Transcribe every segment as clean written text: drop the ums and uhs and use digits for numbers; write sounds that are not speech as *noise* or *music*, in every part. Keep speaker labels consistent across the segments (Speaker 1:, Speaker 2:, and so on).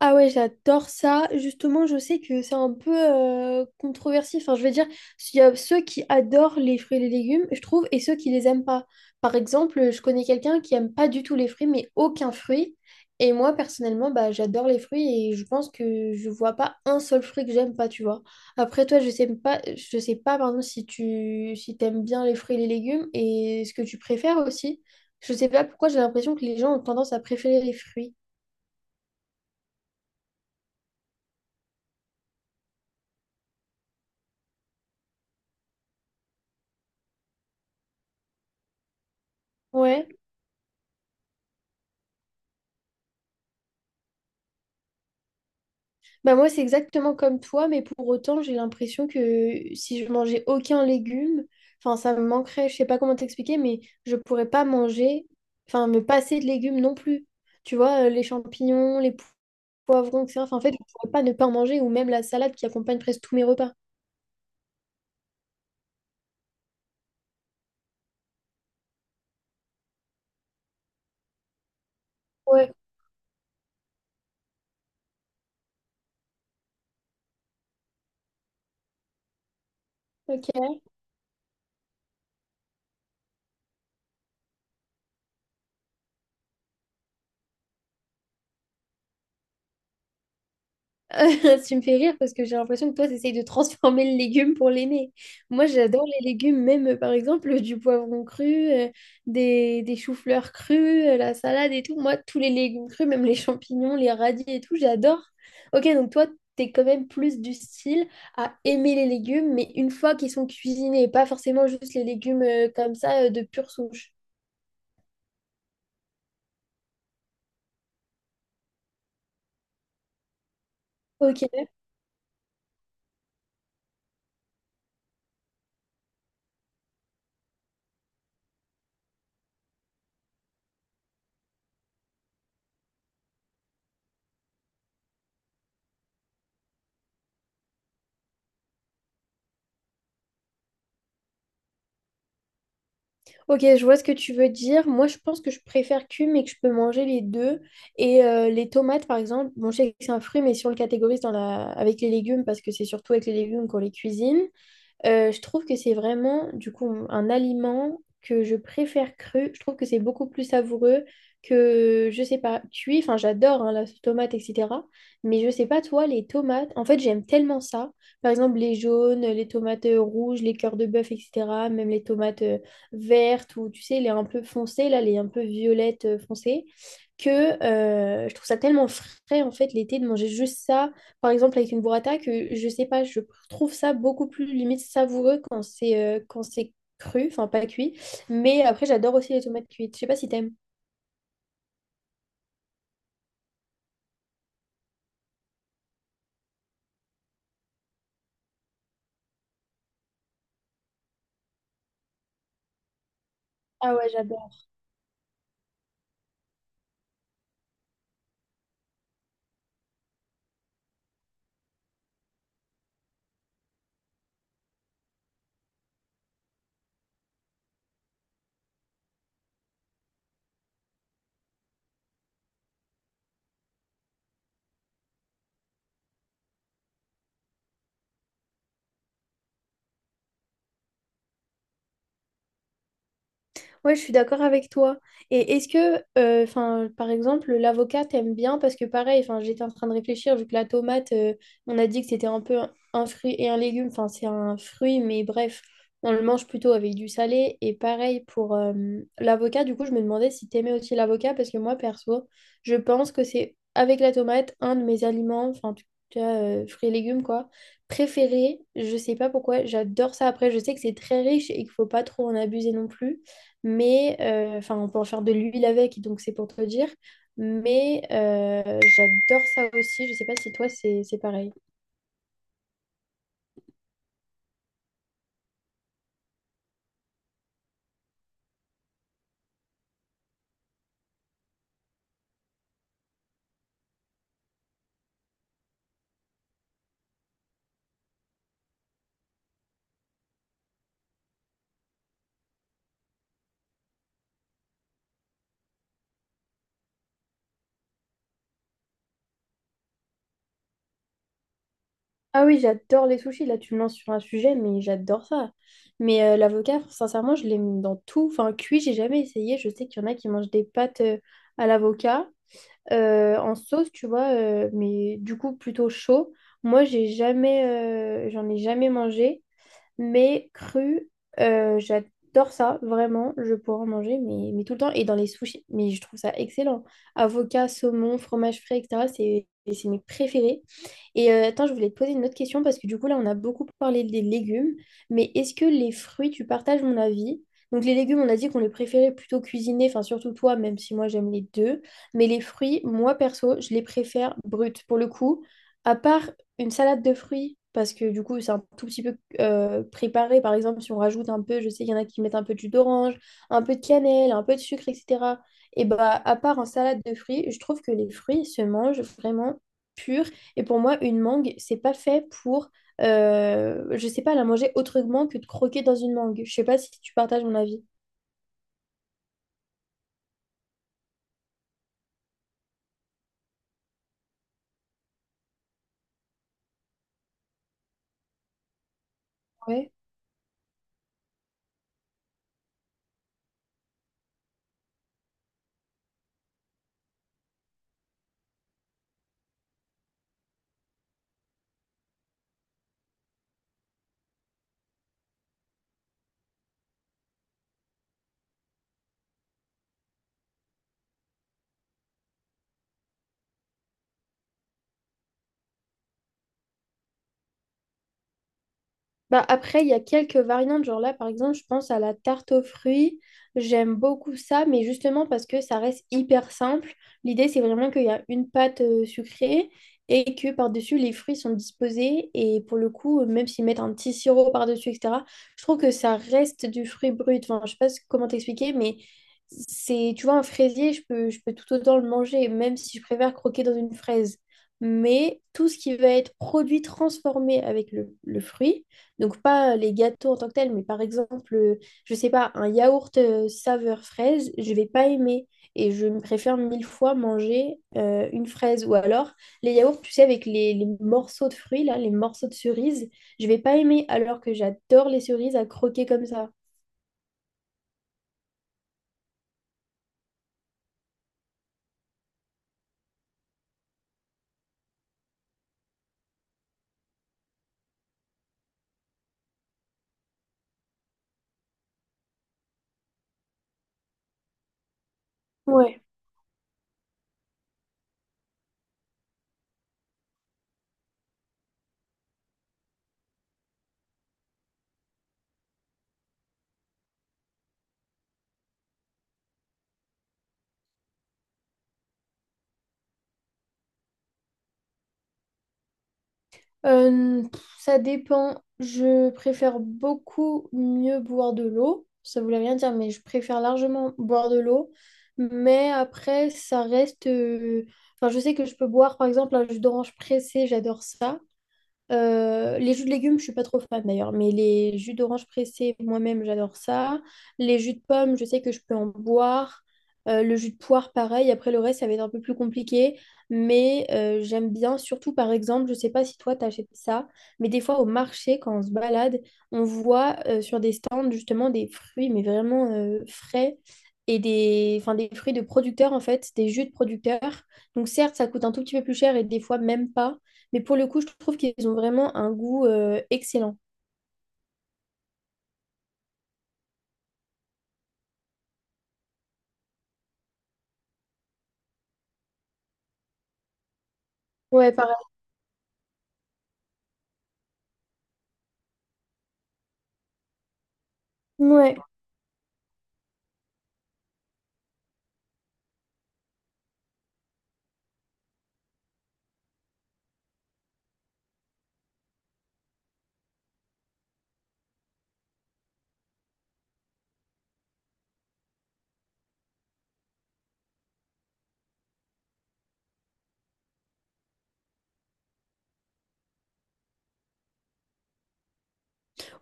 Speaker 1: Ah ouais, j'adore ça. Justement, je sais que c'est un peu controversé. Enfin, je veux dire, il y a ceux qui adorent les fruits et les légumes, je trouve, et ceux qui les aiment pas. Par exemple, je connais quelqu'un qui aime pas du tout les fruits, mais aucun fruit. Et moi, personnellement, bah, j'adore les fruits et je pense que je vois pas un seul fruit que j'aime pas, tu vois. Après, toi, je sais pas, pardon, si tu si t'aimes bien les fruits et les légumes et ce que tu préfères aussi. Je sais pas pourquoi j'ai l'impression que les gens ont tendance à préférer les fruits. Ouais. Bah moi, c'est exactement comme toi, mais pour autant, j'ai l'impression que si je mangeais aucun légume, enfin, ça me manquerait, je sais pas comment t'expliquer, mais je pourrais pas manger, enfin, me passer de légumes non plus. Tu vois, les champignons, poivrons, etc. Enfin, en fait, je pourrais pas ne pas en manger, ou même la salade qui accompagne presque tous mes repas. Ouais, ok. *laughs* Tu me fais rire parce que j'ai l'impression que toi, tu essayes de transformer le légume pour l'aimer. Moi, j'adore les légumes, même par exemple du poivron cru, des choux-fleurs crus, la salade et tout. Moi, tous les légumes crus, même les champignons, les radis et tout, j'adore. Ok, donc toi, t'es quand même plus du style à aimer les légumes, mais une fois qu'ils sont cuisinés, pas forcément juste les légumes comme ça de pure souche. Ok, Ok, je vois ce que tu veux dire. Moi, je pense que je préfère cuit, mais que je peux manger les deux. Et les tomates, par exemple, bon, je sais que c'est un fruit, mais si on le catégorise dans la avec les légumes, parce que c'est surtout avec les légumes qu'on les cuisine, je trouve que c'est vraiment, du coup, un aliment que je préfère cru. Je trouve que c'est beaucoup plus savoureux que, je sais pas, cuit. Enfin, j'adore hein, la sauce tomate, etc. Mais je sais pas, toi, les tomates, en fait, j'aime tellement ça. Par exemple, les jaunes, les tomates rouges, les cœurs de bœuf, etc. Même les tomates vertes ou, tu sais, les un peu foncées, là, les un peu violettes foncées. Que Je trouve ça tellement frais, en fait, l'été, de manger juste ça par exemple, avec une burrata, que je sais pas, je trouve ça beaucoup plus limite savoureux quand c'est cru, enfin pas cuit. Mais après, j'adore aussi les tomates cuites. Je sais pas si t'aimes. Ah ouais, j'adore. Ouais, je suis d'accord avec toi. Et est-ce que, enfin, par exemple, l'avocat t'aime bien parce que pareil, enfin, j'étais en train de réfléchir vu que la tomate, on a dit que c'était un peu un fruit et un légume. Enfin, c'est un fruit, mais bref, on le mange plutôt avec du salé. Et pareil pour l'avocat. Du coup, je me demandais si t'aimais aussi l'avocat parce que moi, perso, je pense que c'est avec la tomate un de mes aliments, enfin, en tout cas, fruits et légumes quoi, préférés. Je sais pas pourquoi, j'adore ça. Après, je sais que c'est très riche et qu'il faut pas trop en abuser non plus. Mais, enfin, on peut en faire de l'huile avec, donc c'est pour te dire. Mais j'adore ça aussi. Je sais pas si toi, c'est pareil. Ah oui, j'adore les sushis. Là, tu me lances sur un sujet, mais j'adore ça. Mais l'avocat, sincèrement, je l'aime dans tout. Enfin, cuit, j'ai jamais essayé. Je sais qu'il y en a qui mangent des pâtes à l'avocat en sauce, tu vois, mais du coup, plutôt chaud. Moi, j'en ai jamais mangé. Mais cru, j'adore ça, vraiment. Je pourrais en manger, mais tout le temps. Et dans les sushis, mais je trouve ça excellent. Avocat, saumon, fromage frais, etc. C'est mes préférés. Et attends, je voulais te poser une autre question parce que du coup, là, on a beaucoup parlé des légumes. Mais est-ce que les fruits, tu partages mon avis? Donc les légumes, on a dit qu'on les préférait plutôt cuisinés, enfin surtout toi, même si moi j'aime les deux. Mais les fruits, moi perso, je les préfère bruts. Pour le coup, à part une salade de fruits, parce que du coup, c'est un tout petit peu préparé. Par exemple, si on rajoute un peu, je sais qu'il y en a qui mettent un peu de jus d'orange, un peu de cannelle, un peu de sucre, etc. Et bah, à part en salade de fruits, je trouve que les fruits se mangent vraiment purs. Et pour moi, une mangue, c'est pas fait pour, je sais pas, la manger autrement que de croquer dans une mangue. Je sais pas si tu partages mon avis. Bah après, il y a quelques variantes. Genre là, par exemple, je pense à la tarte aux fruits. J'aime beaucoup ça, mais justement parce que ça reste hyper simple. L'idée, c'est vraiment qu'il y a une pâte sucrée et que par-dessus, les fruits sont disposés. Et pour le coup, même s'ils mettent un petit sirop par-dessus, etc., je trouve que ça reste du fruit brut. Enfin, je sais pas comment t'expliquer, mais c'est, tu vois, un fraisier, je peux tout autant le manger, même si je préfère croquer dans une fraise. Mais tout ce qui va être produit transformé avec le fruit, donc pas les gâteaux en tant que tels, mais par exemple, je sais pas, un yaourt saveur fraise, je vais pas aimer. Et je me préfère 1000 fois manger une fraise. Ou alors, les yaourts, tu sais, avec les morceaux de fruits, là, les morceaux de cerises, je vais pas aimer, alors que j'adore les cerises à croquer comme ça. Ouais. Ça dépend. Je préfère beaucoup mieux boire de l'eau. Ça voulait rien dire, mais je préfère largement boire de l'eau. Mais après, ça reste enfin, je sais que je peux boire, par exemple, un jus d'orange pressé, j'adore ça. Les jus de légumes, je suis pas trop fan d'ailleurs, mais les jus d'orange pressés, moi-même, j'adore ça. Les jus de pommes, je sais que je peux en boire. Le jus de poire, pareil. Après, le reste, ça va être un peu plus compliqué, mais j'aime bien. Surtout, par exemple, je sais pas si toi, t'achètes ça, mais des fois, au marché, quand on se balade, on voit sur des stands, justement, des fruits, mais vraiment frais. Et des, enfin, des fruits de producteurs, en fait, des jus de producteurs. Donc, certes, ça coûte un tout petit peu plus cher et des fois même pas. Mais pour le coup, je trouve qu'ils ont vraiment un goût excellent. Ouais, pareil. Ouais.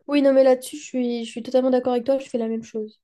Speaker 1: Oui, non, mais là-dessus, je suis totalement d'accord avec toi, je fais la même chose.